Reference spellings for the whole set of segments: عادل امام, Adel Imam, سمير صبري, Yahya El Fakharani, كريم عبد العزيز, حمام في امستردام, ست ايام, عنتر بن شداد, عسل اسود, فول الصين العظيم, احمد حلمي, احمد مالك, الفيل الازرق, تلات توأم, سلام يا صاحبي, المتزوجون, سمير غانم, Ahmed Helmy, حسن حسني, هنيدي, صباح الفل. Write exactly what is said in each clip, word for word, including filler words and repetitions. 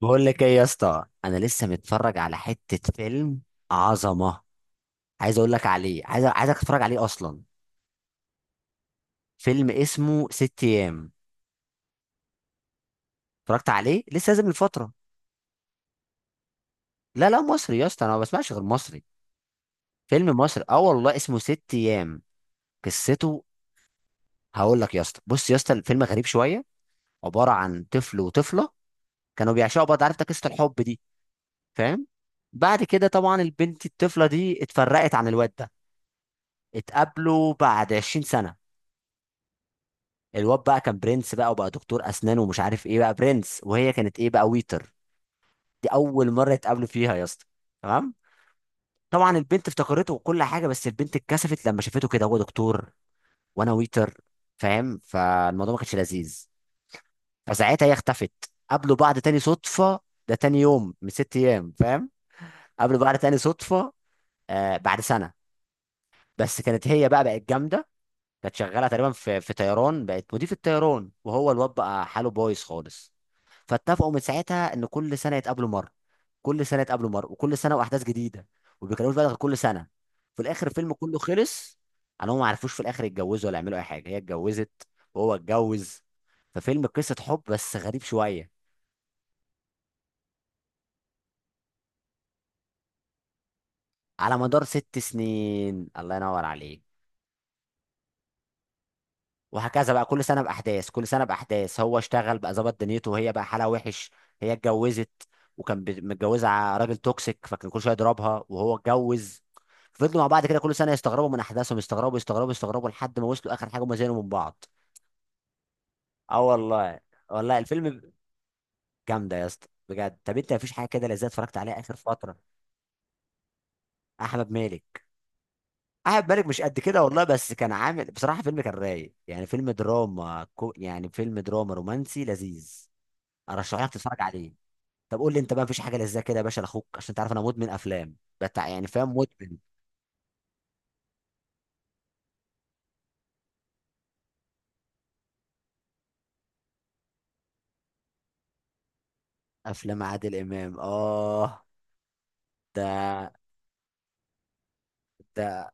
بقول لك ايه يا اسطى، انا لسه متفرج على حته فيلم عظمه. عايز اقول لك عليه، عايز عايزك تتفرج عليه اصلا. فيلم اسمه ست ايام. اتفرجت عليه، لسه نازل من فتره. لا لا، مصري يا اسطى، انا ما بسمعش غير مصري. فيلم مصري، اه والله، اسمه ست ايام. قصته؟ هقول لك يا اسطى، بص يا اسطى، الفيلم غريب شويه. عباره عن طفل وطفله كانوا بيعشقوا بعض، عارف انت قصه الحب دي. فاهم؟ بعد كده طبعا البنت الطفله دي اتفرقت عن الواد ده. اتقابلوا بعد عشرين سنه. الواد بقى كان برنس بقى، وبقى دكتور اسنان ومش عارف ايه بقى برنس، وهي كانت ايه بقى، ويتر. دي اول مره يتقابلوا فيها يا اسطى. تمام. طبعا البنت افتكرته وكل حاجه، بس البنت اتكسفت لما شافته كده، هو دكتور وانا ويتر، فاهم، فالموضوع ما كانش لذيذ. فساعتها هي اختفت. قابلوا بعض تاني صدفه. ده تاني يوم من ست ايام، فاهم. قابلوا بعض تاني صدفه. آه، بعد سنه. بس كانت هي بقى بقت جامده. كانت شغاله تقريبا في في طيران، بقت مضيف الطيران، وهو الواد بقى حاله بايظ خالص. فاتفقوا من ساعتها ان كل سنه يتقابلوا مره. كل سنه يتقابلوا مره، وكل سنه واحداث جديده. وما بيتكلموش بقى غير كل سنه. في الاخر الفيلم كله خلص. على هم ما عرفوش في الاخر يتجوزوا ولا يعملوا اي حاجه، هي اتجوزت وهو اتجوز. ففيلم قصه حب بس غريب شويه. على مدار ست سنين، الله ينور عليك. وهكذا بقى، كل سنه باحداث، كل سنه باحداث، هو اشتغل بقى، ظبط دنيته، وهي بقى حالها وحش. هي اتجوزت. وكان بي- متجوزه ع- راجل توكسيك، فكان كل شويه يضربها، وهو اتجوز. فضلوا مع بعض كده، كل سنه يستغربوا من احداثهم، يستغربوا يستغربوا يستغربوا لحد ما وصلوا اخر حاجه، هما زعلوا من بعض. اه والله. والله الفيلم جامده يا اسطى بجد. طب انت مفيش حاجه كده لذيذه اتفرجت عليها اخر فتره؟ احمد مالك. احمد مالك مش قد كده والله، بس كان عامل بصراحه فيلم كان رايق، يعني فيلم دراما كو- يعني فيلم دراما رومانسي لذيذ. ارشح لك تتفرج عليه. طب قول لي انت بقى، مفيش حاجه لذيذه كده يا باشا لاخوك، عشان تعرف انا مدمن افلام، بتاع، يعني فاهم، مدمن. افلام عادل امام، اه. ده ده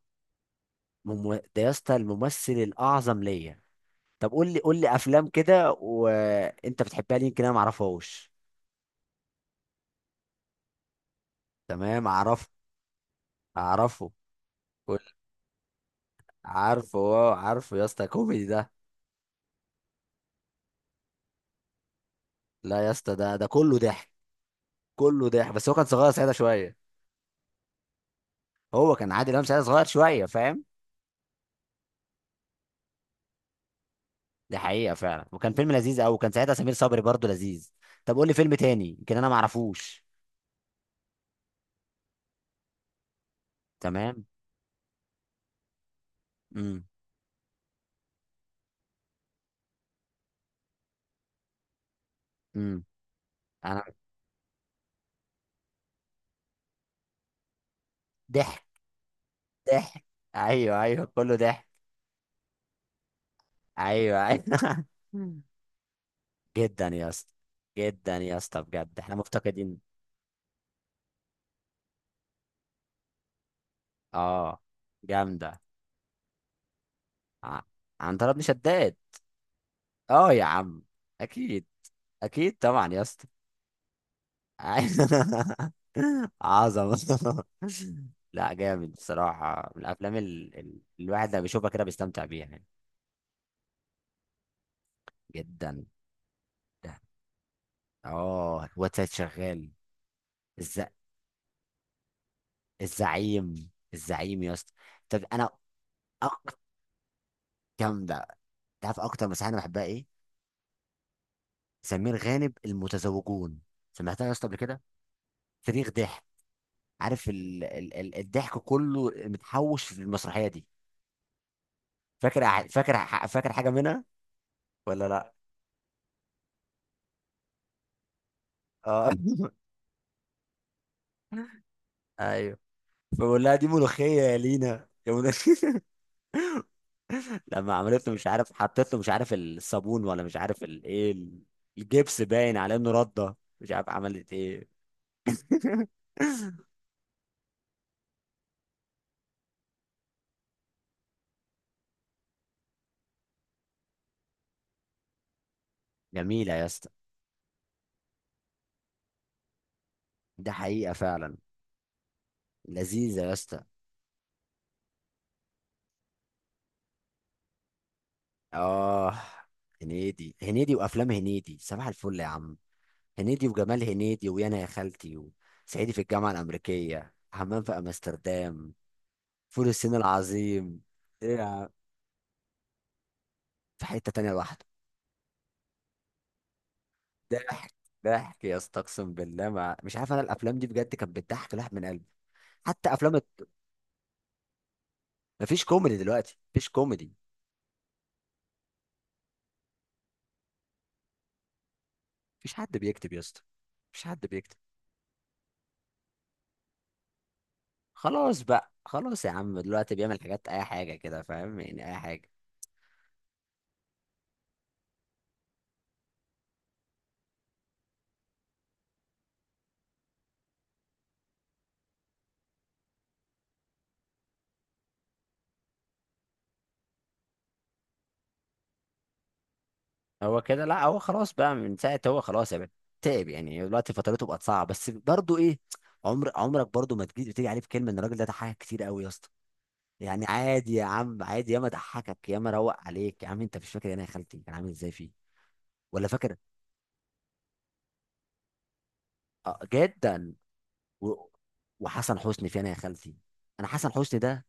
مم... ده يا اسطى الممثل الاعظم ليا. طب قول لي قول لي افلام كده وانت بتحبها، ليه يمكن انا ما اعرفهاش. تمام، اعرف. اعرفه. قول. عارفه، اه، عارفه يا اسطى، كوميدي ده. لا يا اسطى، ده ده كله ضحك. كله ضحك، بس هو كان صغير ساعتها شويه. هو كان عادل امام ساعتها صغير شويه، فاهم. دي حقيقة فعلا، وكان فيلم لذيذ قوي، وكان ساعتها سمير صبري برضو لذيذ. طب قول لي فيلم تاني، يمكن انا ما اعرفوش. تمام. امم. امم. انا. ضحك. ضحك. ايوه، ايوه، كله ضحك. ايوه، ايوه. مم. جدا يا اسطى. جدا يا اسطى بجد، احنا مفتقدين. اه. جامدة. ع- عنتر بن شداد. اه يا عم. اكيد. اكيد طبعا يا اسطى. عظمة. لا جامد بصراحة، من الأفلام ال... ال... الواحد لما بيشوفها كده بيستمتع بيها يعني. جدا. ده، اه، واتساب شغال. الز... الزعيم، الزعيم يا اسطى. طب أنا. أكتر. جامدة. تعرف أكتر مسرحية أنا بحبها إيه؟ سمير غانم، المتزوجون. سمعتها يا اسطى قبل كده؟ صريخ ضحك. عارف، ال... ال... ال... الضحك كله متحوش في المسرحية دي. فاكر؟ فاكر فاكر حاجة منها ولا لا؟ اه. ايوه. فبقول لها، دي ملوخيه يا لينا يا ملوخية. لما عملت له مش عارف حطيت له مش عارف الصابون ولا مش عارف الايه. الجبس باين على انه رده، مش عارف عملت ايه. جميله يا اسطى. ده حقيقه فعلا. لذيذه يا اسطى. اه. هنيدي هنيدي وافلام هنيدي، صباح الفل يا عم. هنيدي، وجمال هنيدي، ويانا يا خالتي، وصعيدي في الجامعه الامريكيه، حمام في امستردام، فول الصين العظيم. ايه يا عم؟ في حته تانيه لوحده. ضحك. ضحك يا اسطى، اقسم بالله، مع... مش عارف انا، الافلام دي بجد كانت بتضحك الواحد من قلبي. حتى افلام الت- مفيش كوميدي دلوقتي، مفيش كوميدي. مفيش حد بيكتب يا اسطى، مفيش حد بيكتب. خلاص بقى، خلاص يا عم، دلوقتي بيعمل حاجات، اي حاجه كده، فاهم، يعني اي حاجه. هو كده، لا هو خلاص بقى من ساعه، هو خلاص يا بنت. تعب يعني، دلوقتي فترته بقت صعبه، بس برضه ايه، عمر عمرك برضه ما تجي تيجي عليه بكلمه، ان الراجل ده ضحك كتير قوي يا اسطى. يعني عادي يا عم، عادي، ياما ضحكك، ياما روق عليك يا عم، انت مش فاكر انا يا خالتي كان عامل ازاي فيه؟ ولا فاكر. آه، جدا. و... وحسن حسني فين يا خالتي؟ انا حسن حسني ده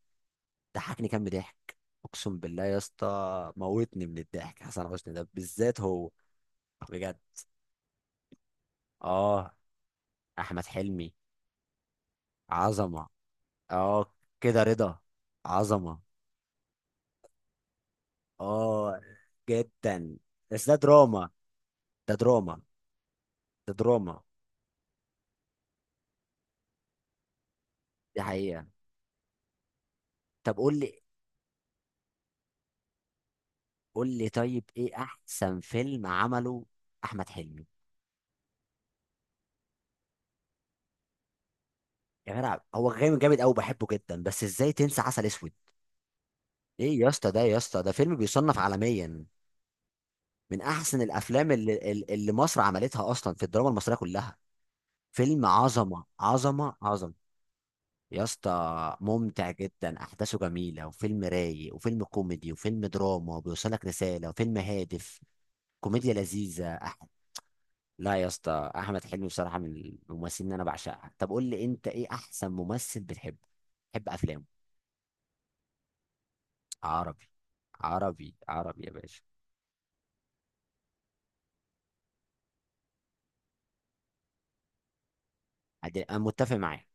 ضحكني كام ضحك. اقسم بالله يا اسطى، موتني من الضحك حسن حسني ده بالذات، هو بجد. اه. احمد حلمي. عظمه. اه. كده رضا. عظمه. اه. جدا. بس ده دراما. ده دراما. ده دراما. دي حقيقه. طب قول لي. قول لي طيب، ايه احسن فيلم عمله احمد حلمي؟ يا جدع هو جامد، جامد قوي، بحبه جدا، بس ازاي تنسى عسل اسود؟ ايه يا اسطى، ده يا اسطى ده فيلم بيصنف عالميا، من احسن الافلام اللي, اللي مصر عملتها اصلا في الدراما المصريه كلها. فيلم عظمه، عظمه، عظمه. يا اسطى ممتع جدا، احداثه جميله، وفيلم رايق، وفيلم كوميدي، وفيلم دراما، وبيوصلك رساله، وفيلم هادف. كوميديا لذيذه. أح... لا يا اسطى، احمد حلمي بصراحه من الممثلين اللي انا بعشقها. طب قول لي انت، ايه احسن ممثل بتحبه بتحب افلامه؟ عربي. عربي، عربي يا باشا. عادل، انا متفق معاك.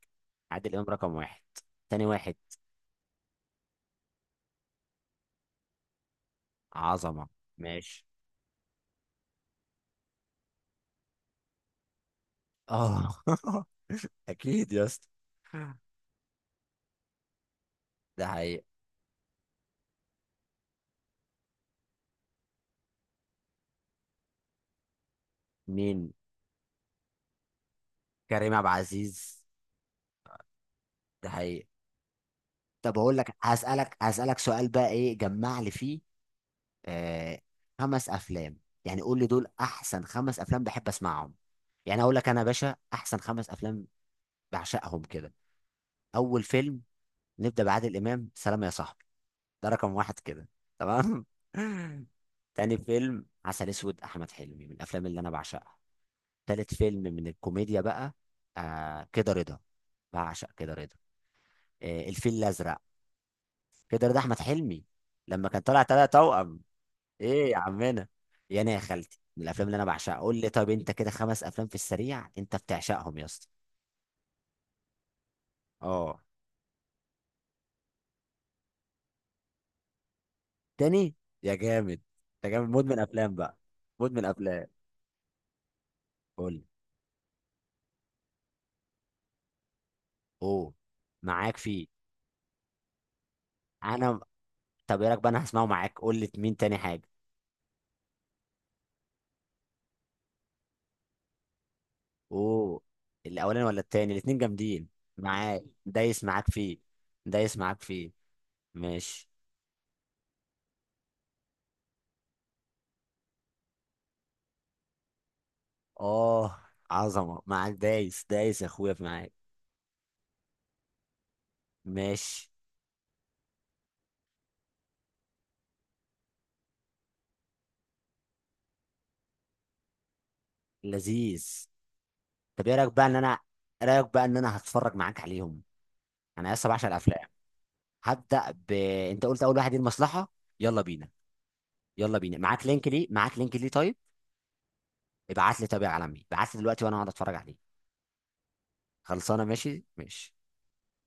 عادل امام رقم واحد. تاني واحد. عظمه. ماشي، اه. اكيد يا اسطى. ده حقيقي. مين؟ كريم عبد العزيز. ده حقيقي. طب اقول لك، هسألك هسألك سؤال بقى، ايه جمع لي فيه؟ آه. خمس افلام. يعني قول لي دول احسن خمس افلام بحب اسمعهم. يعني اقول لك انا يا باشا احسن خمس افلام بعشقهم كده. اول فيلم. نبدأ بعادل امام، سلام يا صاحبي. ده رقم واحد كده. تمام. تاني فيلم، عسل اسود، احمد حلمي، من الافلام اللي انا بعشقها. تالت فيلم، من الكوميديا بقى. آه، كده رضا. بعشق كده رضا. آه، الفيل الازرق. كده رضا، احمد حلمي، لما كان طالع تلات توأم. ايه يا عمنا. يا انا يا خالتي، من الافلام اللي انا بعشقها. قول لي طب انت كده خمس افلام في السريع انت بتعشقهم يا اسطى. اه. تاني. يا جامد. انت جامد، مدمن افلام بقى. مدمن افلام. قول لي. اوه. معاك فيه. انا. طب ايه رايك بقى، انا هسمعه معاك، قول لي مين تاني حاجه. اوه. الاولاني ولا التاني؟ الاتنين جامدين. معاك، دايس معاك فيه. دايس معاك فيه. ماشي. اه. عظمه، معاك دايس دايس يا اخويا في معاك. ماشي. لذيذ. طب ايه رايك بقى ان انا إيه رايك بقى ان انا هتفرج معاك عليهم. انا لسه بعشق الافلام. هبدا ب انت قلت اول واحد ايه، المصلحه. يلا بينا. يلا بينا، معاك لينك ليه معاك لينك ليه طيب؟ ابعت لي، طب يا عالمي ابعت لي دلوقتي وانا هقعد اتفرج عليه. خلصانه، ماشي، ماشي.